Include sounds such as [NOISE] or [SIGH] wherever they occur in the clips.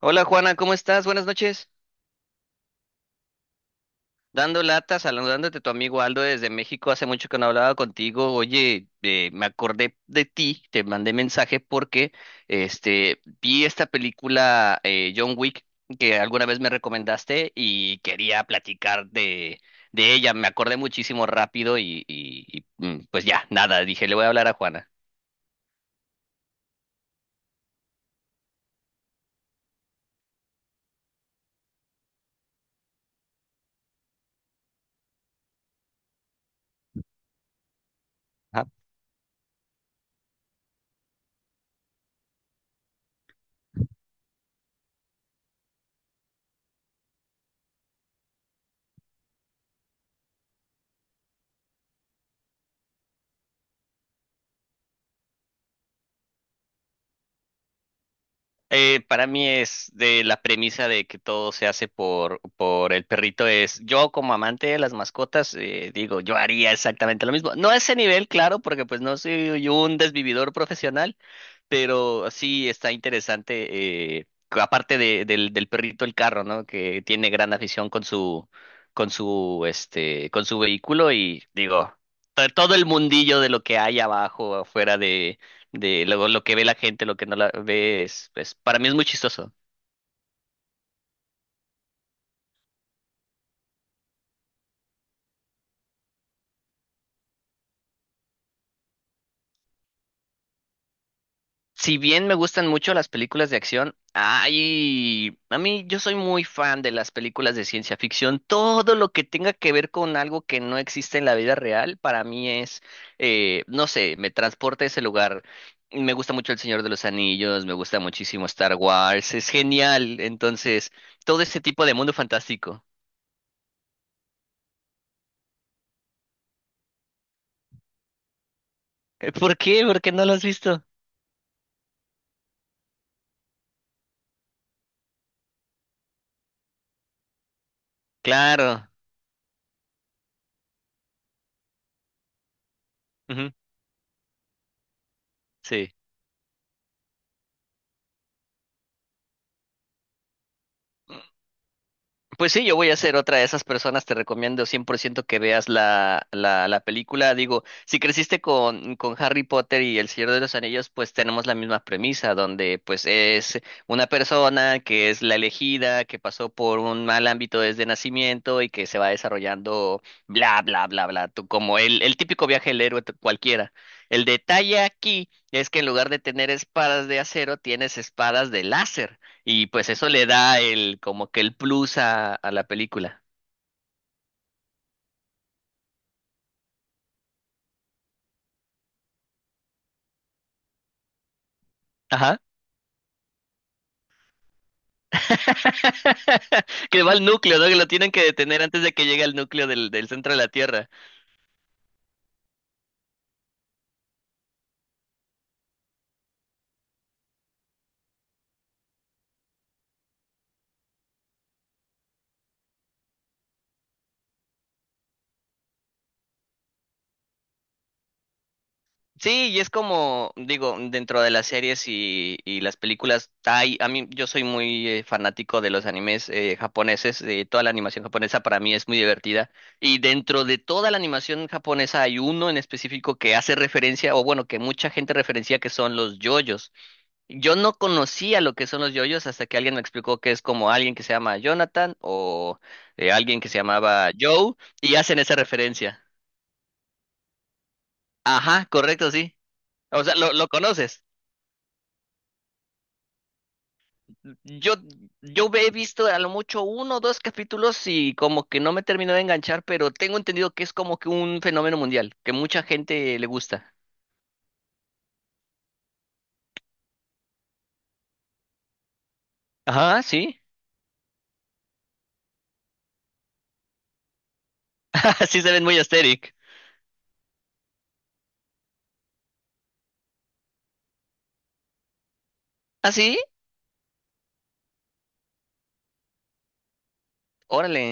Hola, Juana, ¿cómo estás? Buenas noches. Dando lata, saludándote tu amigo Aldo desde México. Hace mucho que no hablaba contigo. Oye, me acordé de ti, te mandé mensaje porque vi esta película, John Wick, que alguna vez me recomendaste y quería platicar de ella. Me acordé muchísimo rápido y pues ya, nada, dije, le voy a hablar a Juana. Para mí es de la premisa de que todo se hace por el perrito. Es, yo como amante de las mascotas, digo, yo haría exactamente lo mismo. No a ese nivel, claro, porque pues no soy un desvividor profesional, pero sí está interesante, que aparte del perrito, el carro, ¿no? Que tiene gran afición con su con su vehículo y digo, todo el mundillo de lo que hay abajo, afuera de lo que ve la gente, lo que no la ve, para mí es muy chistoso. Si bien me gustan mucho las películas de acción, ay, a mí, yo soy muy fan de las películas de ciencia ficción. Todo lo que tenga que ver con algo que no existe en la vida real, para mí es, no sé, me transporta a ese lugar. Me gusta mucho El Señor de los Anillos, me gusta muchísimo Star Wars, es genial. Entonces, todo ese tipo de mundo fantástico. [LAUGHS] ¿Por qué? ¿Por qué no lo has visto? Claro. Ujú. Sí. Pues sí, yo voy a ser otra de esas personas, te recomiendo 100% que veas la película. Digo, si creciste con Harry Potter y El Señor de los Anillos, pues tenemos la misma premisa, donde pues es una persona que es la elegida, que pasó por un mal ámbito desde nacimiento y que se va desarrollando bla, bla, bla, bla, tú, como el típico viaje del héroe, cualquiera. El detalle aquí es que en lugar de tener espadas de acero, tienes espadas de láser. Y pues eso le da el, como que el plus a la película. Ajá. [LAUGHS] Que va al núcleo, ¿no? Que lo tienen que detener antes de que llegue al núcleo del centro de la Tierra. Sí, y es como, digo, dentro de las series y las películas, hay, a mí, yo soy muy fanático de los animes, japoneses, de toda la animación japonesa, para mí es muy divertida. Y dentro de toda la animación japonesa hay uno en específico que hace referencia, o bueno, que mucha gente referencia, que son los yoyos. Yo no conocía lo que son los yoyos hasta que alguien me explicó que es como alguien que se llama Jonathan o alguien que se llamaba Joe, y hacen esa referencia. Ajá, correcto, sí. O sea, lo conoces. Yo, yo he visto a lo mucho uno o dos capítulos y como que no me terminó de enganchar, pero tengo entendido que es como que un fenómeno mundial, que mucha gente le gusta. Ajá, sí. [LAUGHS] Sí se ven muy asteric. ¿Ah, sí? Órale.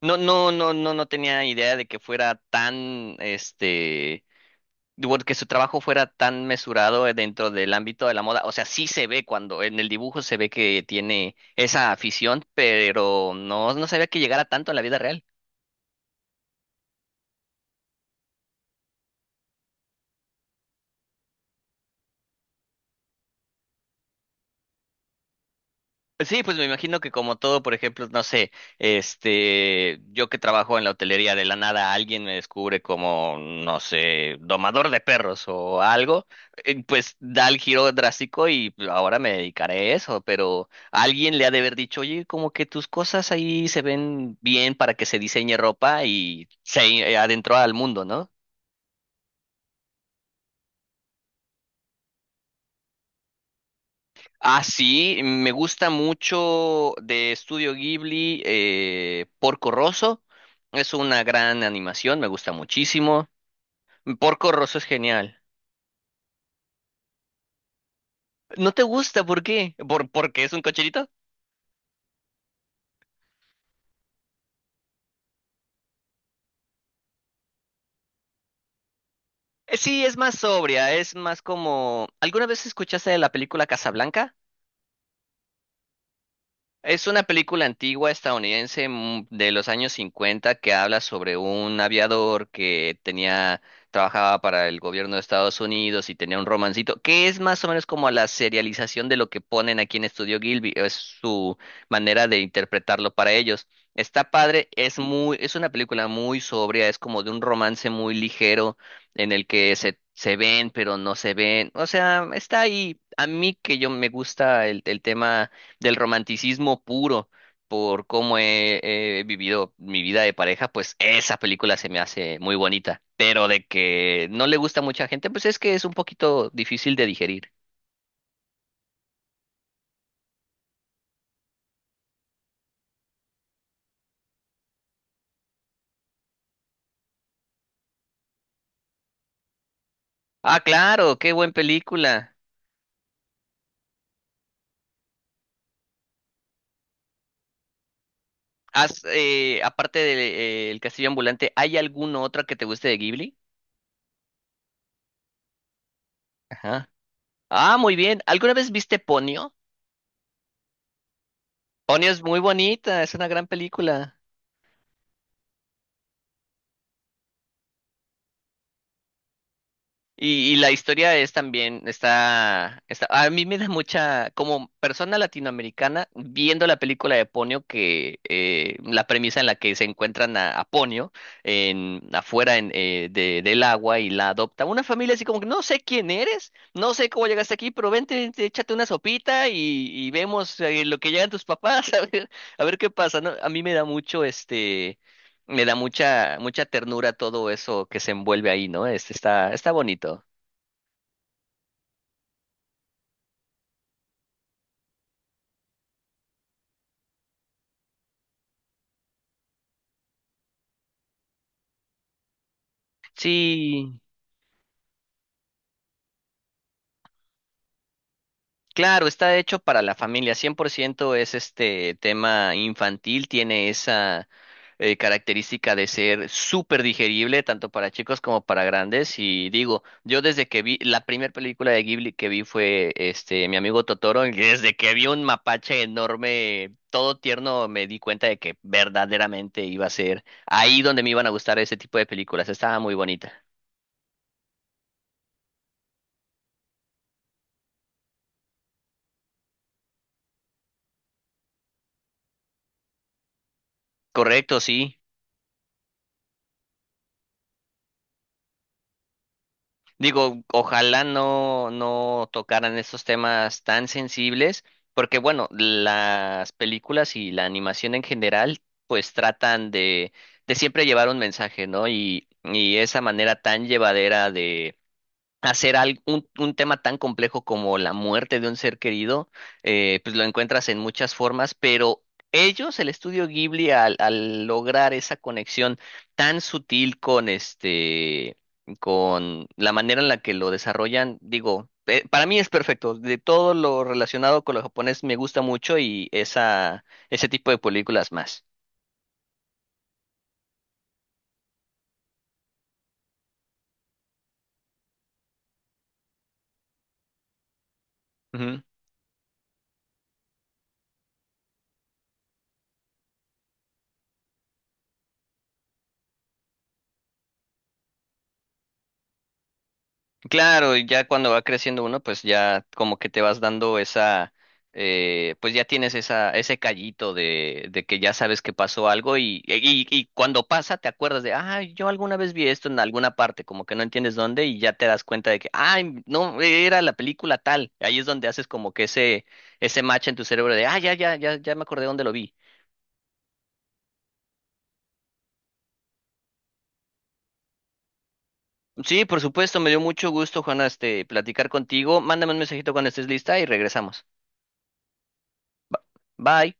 No, no, no, no, no tenía idea de que fuera tan, digo, que su trabajo fuera tan mesurado, dentro del ámbito de la moda. O sea, sí se ve cuando en el dibujo se ve que tiene esa afición, pero no, no sabía que llegara tanto en la vida real. Sí, pues me imagino que como todo, por ejemplo, no sé, yo que trabajo en la hotelería, de la nada alguien me descubre como, no sé, domador de perros o algo, pues da el giro drástico y ahora me dedicaré a eso, pero alguien le ha de haber dicho, oye, como que tus cosas ahí se ven bien para que se diseñe ropa y se adentró al mundo, ¿no? Ah, sí, me gusta mucho de Estudio Ghibli, Porco Rosso. Es una gran animación, me gusta muchísimo. Porco Rosso es genial. ¿No te gusta? ¿Por qué? ¿Por, porque es un cocherito? Sí, es más sobria, es más como… ¿Alguna vez escuchaste de la película Casablanca? Es una película antigua estadounidense, de los años cincuenta, que habla sobre un aviador que tenía, trabajaba para el gobierno de Estados Unidos y tenía un romancito, que es más o menos como la serialización de lo que ponen aquí en Estudio Gilby, es su manera de interpretarlo para ellos. Está padre, es muy, es una película muy sobria, es como de un romance muy ligero en el que se ven pero no se ven. O sea, está ahí. A mí, que yo me gusta el tema del romanticismo puro por cómo he vivido mi vida de pareja, pues esa película se me hace muy bonita. Pero de que no le gusta a mucha gente, pues es que es un poquito difícil de digerir. Ah, claro, qué buena película. Has, aparte de El Castillo Ambulante, ¿hay alguna otra que te guste de Ghibli? Ajá. Ah, muy bien. ¿Alguna vez viste Ponyo? Ponyo es muy bonita, es una gran película. Y la historia es también, está, a mí me da mucha, como persona latinoamericana, viendo la película de Ponio, que, la premisa en la que se encuentran a Ponio en, afuera en, del agua, y la adopta una familia así como que, no sé quién eres, no sé cómo llegaste aquí, pero vente, vente, échate una sopita, y vemos, lo que llegan tus papás, [LAUGHS] a ver qué pasa, ¿no? A mí me da mucho este… Me da mucha, mucha ternura todo eso que se envuelve ahí, ¿no? Este está, está bonito. Sí, claro, está hecho para la familia, 100% es este tema infantil, tiene esa característica de ser súper digerible, tanto para chicos como para grandes, y digo, yo desde que vi, la primera película de Ghibli que vi fue Mi amigo Totoro, y desde que vi un mapache enorme, todo tierno, me di cuenta de que verdaderamente iba a ser ahí donde me iban a gustar ese tipo de películas, estaba muy bonita. Correcto, sí. Digo, ojalá no tocaran estos temas tan sensibles, porque bueno, las películas y la animación en general pues tratan de siempre llevar un mensaje, ¿no? Y esa manera tan llevadera hacer un tema tan complejo como la muerte de un ser querido, pues lo encuentras en muchas formas, pero ellos, el Estudio Ghibli, al lograr esa conexión tan sutil con con la manera en la que lo desarrollan, digo, para mí es perfecto. De todo lo relacionado con lo japonés me gusta mucho, y esa, ese tipo de películas más. Claro, y ya cuando va creciendo uno, pues ya como que te vas dando esa, pues ya tienes esa, ese callito de que ya sabes que pasó algo, y cuando pasa te acuerdas de, ah, yo alguna vez vi esto en alguna parte, como que no entiendes dónde y ya te das cuenta de que, ay, no, era la película tal. Ahí es donde haces como que ese match en tu cerebro de, ah, ya, ya, ya, ya me acordé dónde lo vi. Sí, por supuesto, me dio mucho gusto, Juana, platicar contigo. Mándame un mensajito cuando estés lista y regresamos. Ba- Bye.